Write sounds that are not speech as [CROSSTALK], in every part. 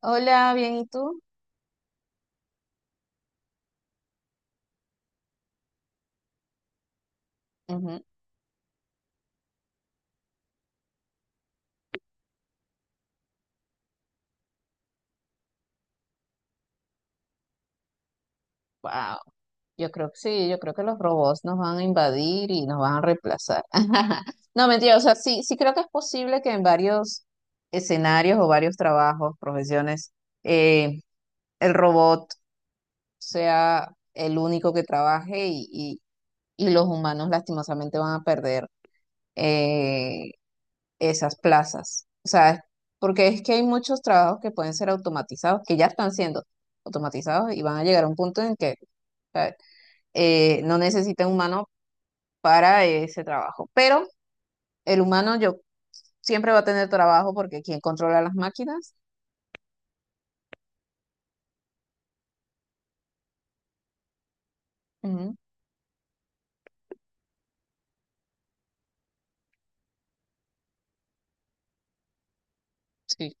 Hola, bien, ¿y tú? Ujú. Wow, yo creo que sí, yo creo que los robots nos van a invadir y nos van a reemplazar. [LAUGHS] No, mentira, o sea, sí, sí creo que es posible que en varios escenarios o varios trabajos, profesiones, eh, el robot sea el único que trabaje y los humanos lastimosamente van a perder eh, esas plazas. O sea, porque es que hay muchos trabajos que pueden ser automatizados, que ya están siendo automatizados y van a llegar a un punto en que sea, no necesita un humano para ese trabajo. Pero el humano yo siempre va a tener trabajo porque quien controla las máquinas. Ujú. Sí,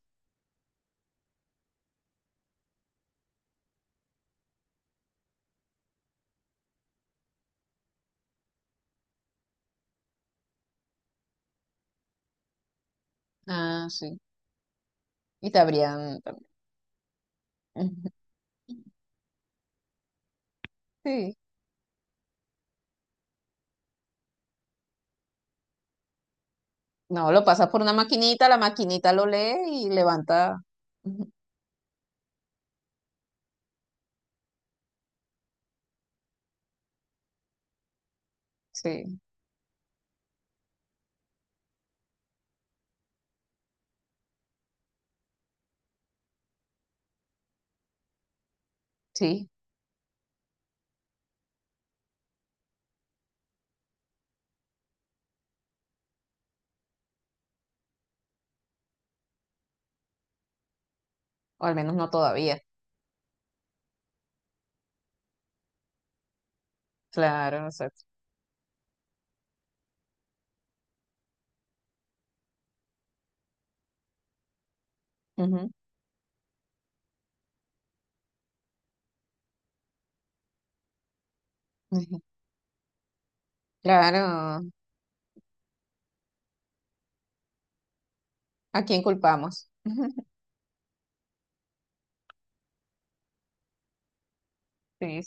ah, sí, y te habrían también. [LAUGHS] Ujú. Sí, no, lo pasas por una maquinita, la maquinita lo lee y levanta. Ujú. Sí, sí, o al menos no todavía. Claro, exacto. Ujú. Claro, ¿a quién culpamos? [LAUGHS] Sí,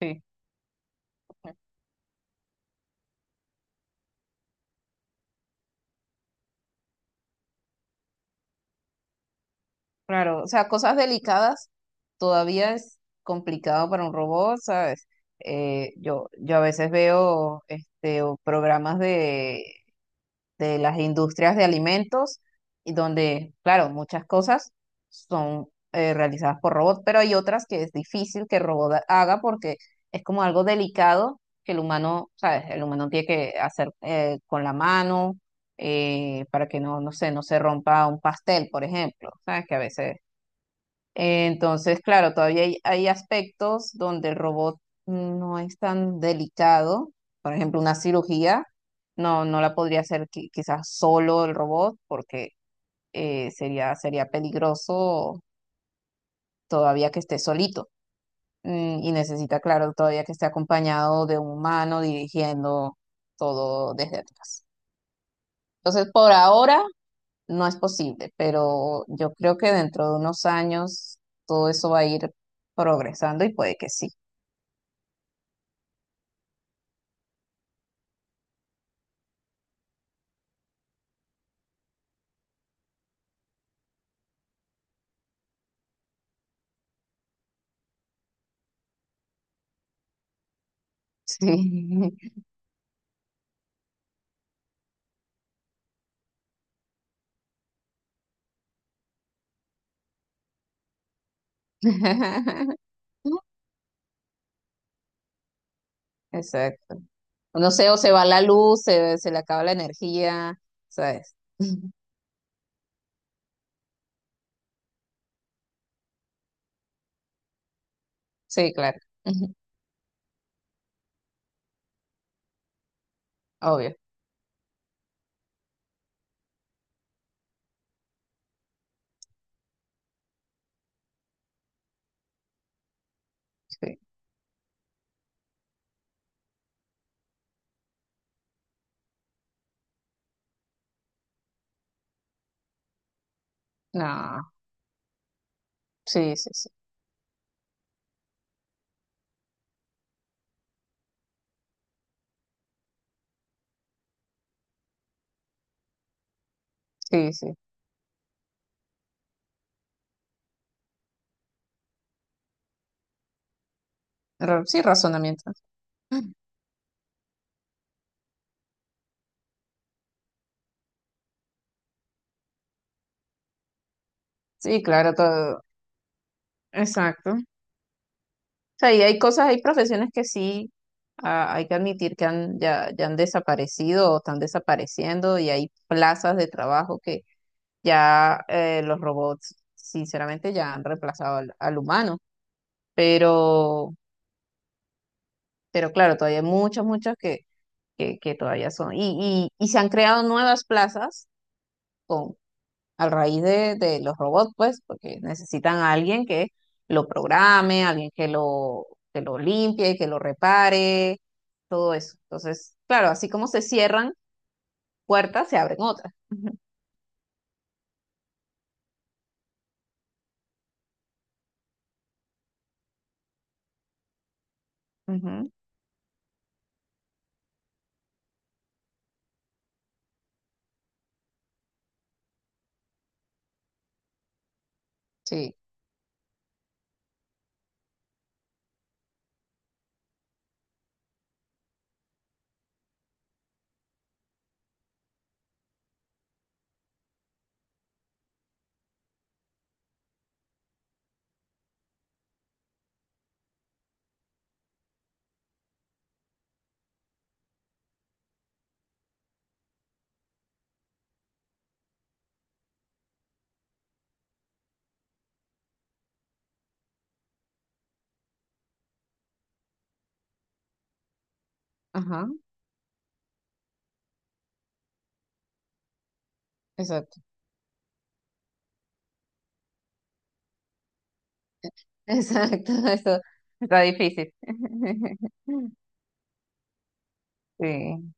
sí, sí. Claro, o sea, cosas delicadas todavía es complicado para un robot, ¿sabes? Yo a veces veo este, o programas de las industrias de alimentos, y donde, claro, muchas cosas son realizadas por robots, pero hay otras que es difícil que el robot haga porque es como algo delicado que el humano, ¿sabes? El humano tiene que hacer con la mano para que no, no sé, no se rompa un pastel, por ejemplo, ¿sabes? Que a veces entonces, claro, todavía hay aspectos donde el robot no es tan delicado. Por ejemplo, una cirugía no, no la podría hacer quizás solo el robot porque sería peligroso todavía que esté solito. Mm. Y necesita, claro, todavía que esté acompañado de un humano dirigiendo todo desde atrás. Entonces, por ahora no es posible, pero yo creo que dentro de unos años todo eso va a ir progresando y puede que sí. Sí. [LAUGHS] Exacto. No sé, o se va la luz, se le acaba la energía, ¿sabes? [LAUGHS] Sí, claro. [LAUGHS] Obvio. Sí. No. Sí, sí, sí. Sí, sí. Ra- sí, razonamiento. [LAUGHS] Sí, claro, todo. Exacto. O sea, y hay cosas, hay profesiones que sí, ah, hay que admitir que han, ya, ya han desaparecido o están desapareciendo y hay plazas de trabajo. Ya los robots, sinceramente, ya han reemplazado al, al humano, pero, pero claro, todavía hay muchos, muchos que todavía son. Y se han creado nuevas plazas con, a raíz de los robots, pues, porque necesitan a alguien que lo programe, alguien que lo limpie, que lo repare, todo eso. Entonces, claro, así como se cierran puertas, se abren otras. [LAUGHS] Ujú. Sí, ajá, exacto. Exacto, [LAUGHS] eso está difícil. [LAUGHS] Sí,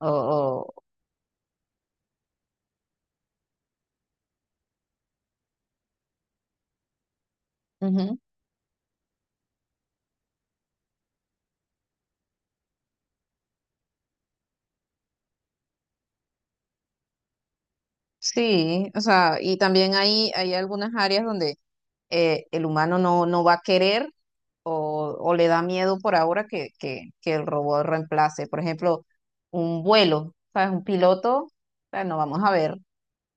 o, o- ujú. Sí, o sea, y también hay algunas áreas donde el humano no, no va a querer o le da miedo por ahora que el robot reemplace. Por ejemplo, un vuelo, ¿sabes? Un piloto, o sea, no vamos a ver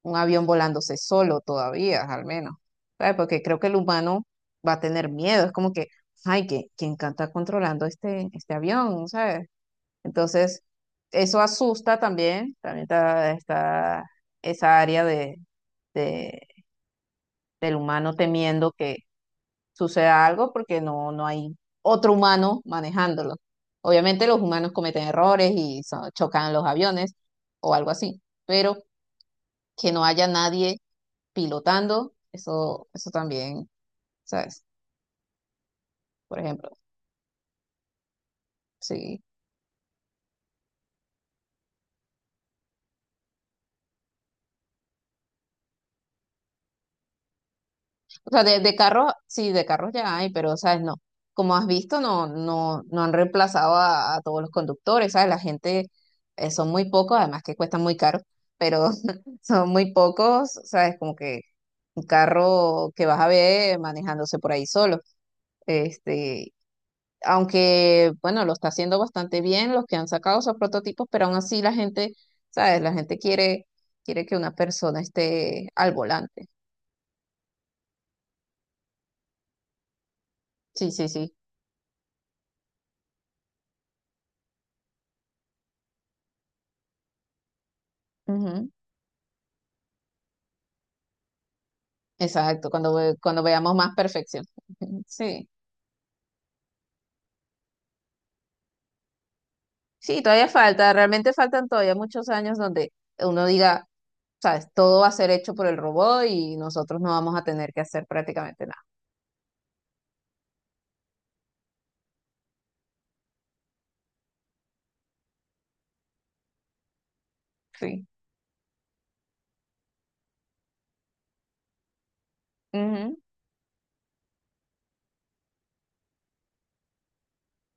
un avión volándose solo todavía, al menos, ¿sabes? Porque creo que el humano va a tener miedo, es como que, ay, que quién está controlando este, este avión, ¿sabes? Entonces, eso asusta también, también está, está esa área de, de- del humano temiendo que suceda algo porque no, no hay otro humano manejándolo. Obviamente los humanos cometen errores y chocan los aviones o algo así, pero que no haya nadie pilotando, eso también, ¿sabes? Por ejemplo, sí. O sea, de carros, sí, de carros ya hay, pero, ¿sabes? No. Como has visto, no, no, no han reemplazado a todos los conductores, ¿sabes? La gente son muy pocos, además que cuestan muy caro, pero [LAUGHS] son muy pocos, ¿sabes? Como que un carro que vas a ver manejándose por ahí solo. Este, aunque, bueno, lo está haciendo bastante bien los que han sacado esos prototipos, pero aún así la gente, ¿sabes? La gente quiere, quiere que una persona esté al volante. Sí, sí, sí. Ujú. Exacto, cuando, cuando veamos más perfección. Ujú. Sí. Sí, todavía falta, realmente faltan todavía muchos años donde uno diga, ¿sabes? Todo va a ser hecho por el robot y nosotros no vamos a tener que hacer prácticamente nada. Sí. Ujú.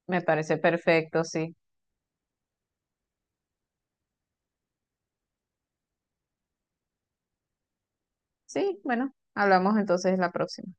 Me parece perfecto, sí. Sí, bueno, hablamos entonces la próxima.